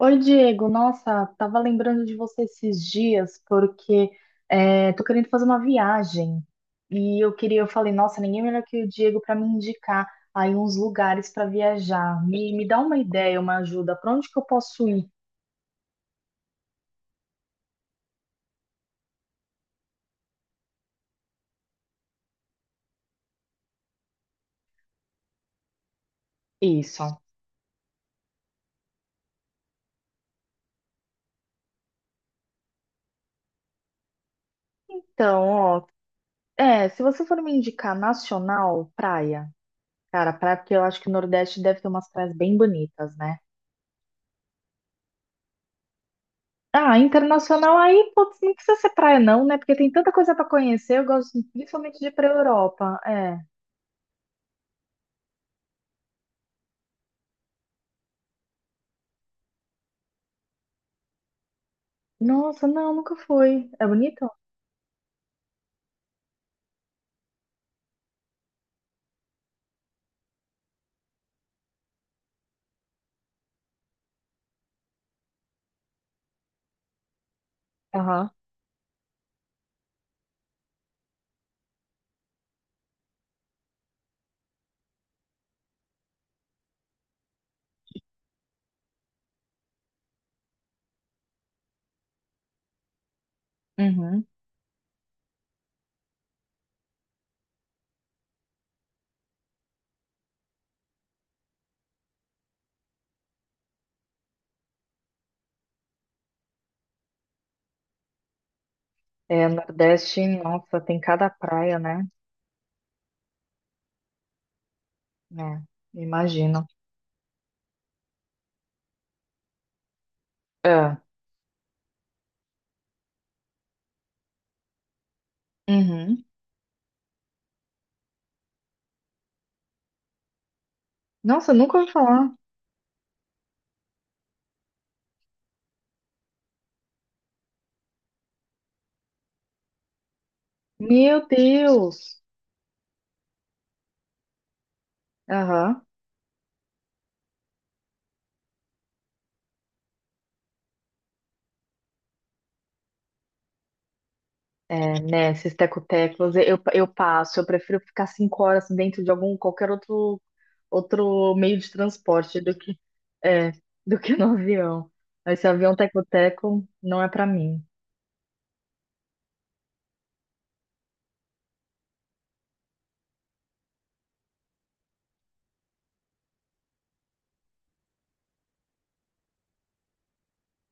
Oi, Diego. Nossa, tava lembrando de você esses dias porque tô querendo fazer uma viagem e eu falei, nossa, ninguém melhor que o Diego para me indicar aí uns lugares para viajar. Me dá uma ideia, uma ajuda. Para onde que eu posso ir? Isso. Então, ó, é, se você for me indicar nacional, praia. Cara, praia, porque eu acho que o Nordeste deve ter umas praias bem bonitas, né? Ah, internacional aí, putz, não precisa ser praia não, né? Porque tem tanta coisa para conhecer. Eu gosto principalmente de ir para Europa. É. Nossa, não, nunca fui. É bonito? Aham. Uhum. É, Nordeste, nossa, tem cada praia, né? É, imagino. É. Uhum. Nossa, nunca ouvi falar. Meu Deus. Aham. Né, esses tecotecos, eu passo, eu prefiro ficar 5 horas dentro de algum, qualquer outro, outro meio de transporte do que, é, do que no avião. Esse avião teco-teco não é para mim.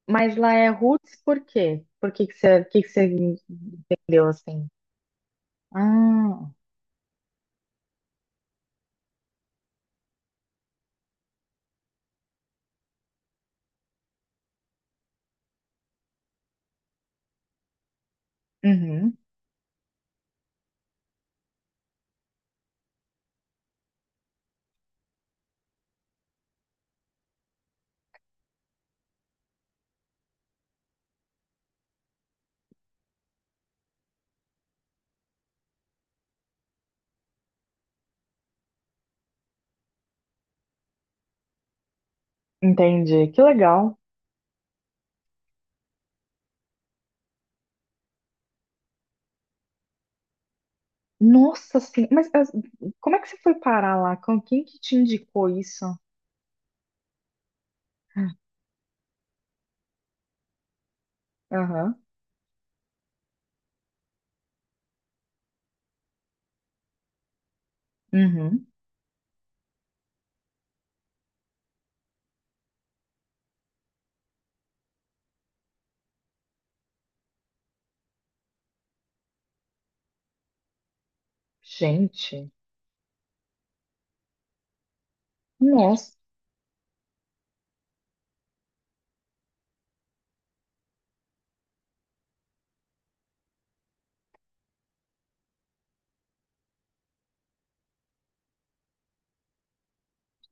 Mas lá é Roots, por quê? Por que que você entendeu assim? Ah, uhum, entendi, que legal. Nossa senhora, como é que você foi parar lá? Com quem que te indicou isso? Aham, uhum. Gente, nossa.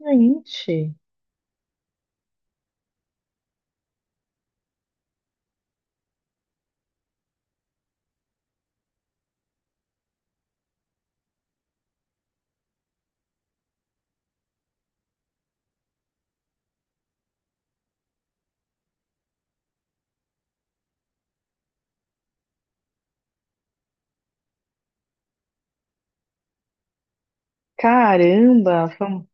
Gente, caramba, fam-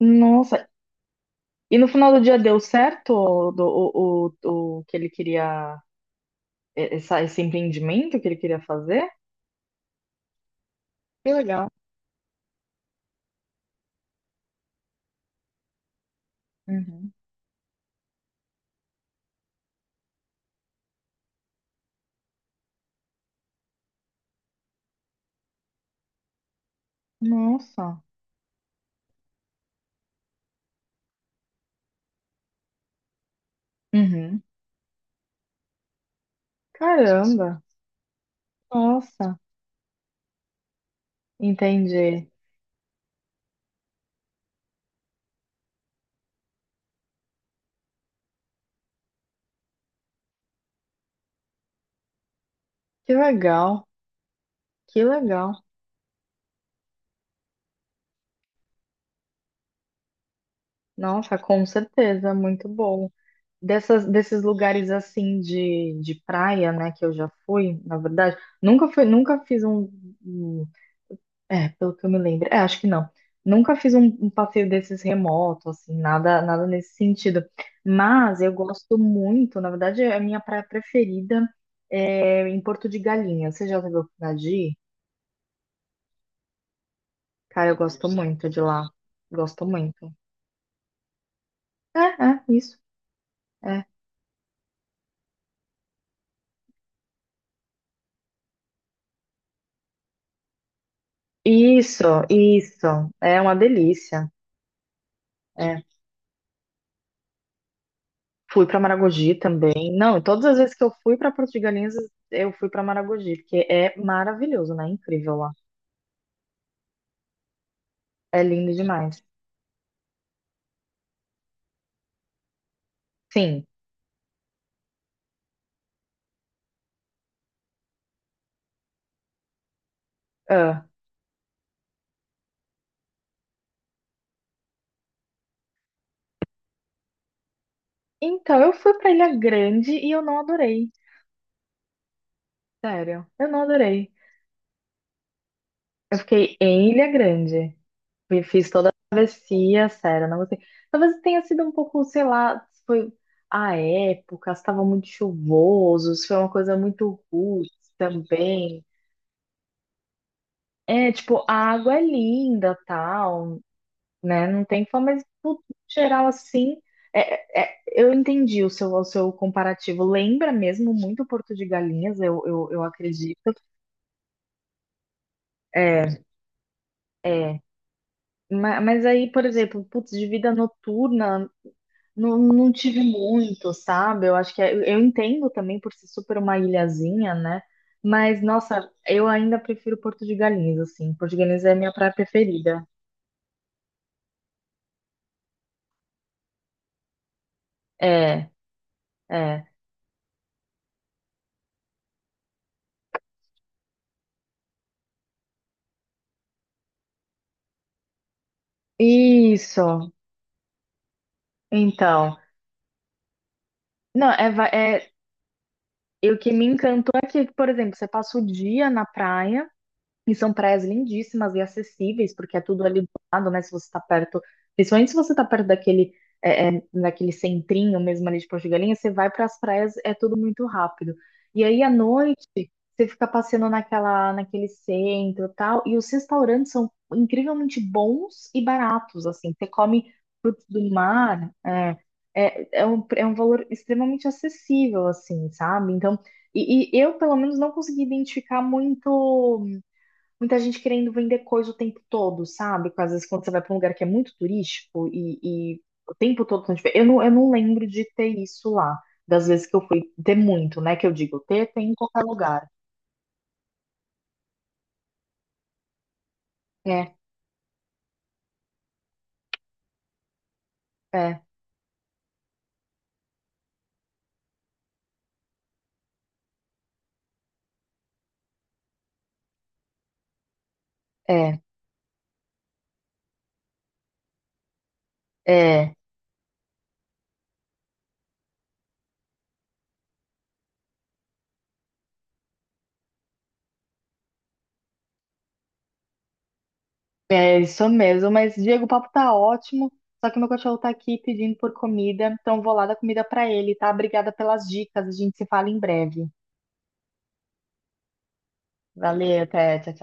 nossa. E no final do dia deu certo o, do- o que ele queria, esse empreendimento que ele queria fazer? Que legal. Uhum. Nossa, Uhum. Caramba, nossa, entendi. Que legal, que legal. Nossa, com certeza, muito bom. Desses lugares assim de praia, né, que eu já fui, na verdade, nunca fui, nunca fiz um. Um É, pelo que eu me lembro. É, acho que não. Nunca fiz um passeio desses remoto, assim, nada, nada nesse sentido. Mas eu gosto muito, na verdade, é a minha praia preferida é em Porto de Galinhas. Você já teve a oportunidade de ir? Cara, eu gosto muito de lá. Gosto muito. É, isso. É. Isso, isso. É uma delícia. É. Fui para Maragogi também. Não, todas as vezes que eu fui para Porto de Galinhas, eu fui para Maragogi, porque é maravilhoso, né? Incrível lá. É lindo demais. Sim. Ah. Então, eu fui pra Ilha Grande e eu não adorei. Sério, eu não adorei. Eu fiquei em Ilha Grande. E Fiz toda a travessia, sério, não gostei. Talvez tenha sido um pouco, sei lá, se foi a época, estava muito chuvoso, se foi uma coisa muito rude também. É, tipo, a água é linda, tal, né? Não tem fã, mas no geral assim, é, eu entendi o seu comparativo. Lembra mesmo muito Porto de Galinhas, eu acredito. É, é. Mas aí, por exemplo, putz, de vida noturna, não tive muito, sabe? Eu acho que eu entendo também por ser super uma ilhazinha, né? Mas, nossa, eu ainda prefiro Porto de Galinhas, assim. Porto de Galinhas é a minha praia preferida. É, é. Isso. Então. Não, é, va- é- E o que me encantou é que, por exemplo, você passa o dia na praia. E são praias lindíssimas e acessíveis, porque é tudo ali do lado, né? Se você está perto, principalmente se você está perto daquele, daquele centrinho mesmo ali de Porto de Galinhas, você vai para as praias, é tudo muito rápido. E aí à noite, você fica passeando naquela, naquele centro e tal, e os restaurantes são incrivelmente bons e baratos, assim. Você come frutos do mar, é um valor extremamente acessível, assim, sabe? Então, e eu, pelo menos, não consegui identificar muito muita gente querendo vender coisa o tempo todo, sabe? Às vezes quando você vai para um lugar que é muito turístico e o tempo todo tão diferente. Eu não lembro de ter isso lá. Das vezes que eu fui, ter muito, né? Que eu digo, ter tem em qualquer lugar. É, é, é, é. É isso mesmo. Mas, Diego, o papo tá ótimo. Só que meu cachorro tá aqui pedindo por comida. Então, eu vou lá dar comida para ele, tá? Obrigada pelas dicas. A gente se fala em breve. Valeu, até. Tchau, tchau.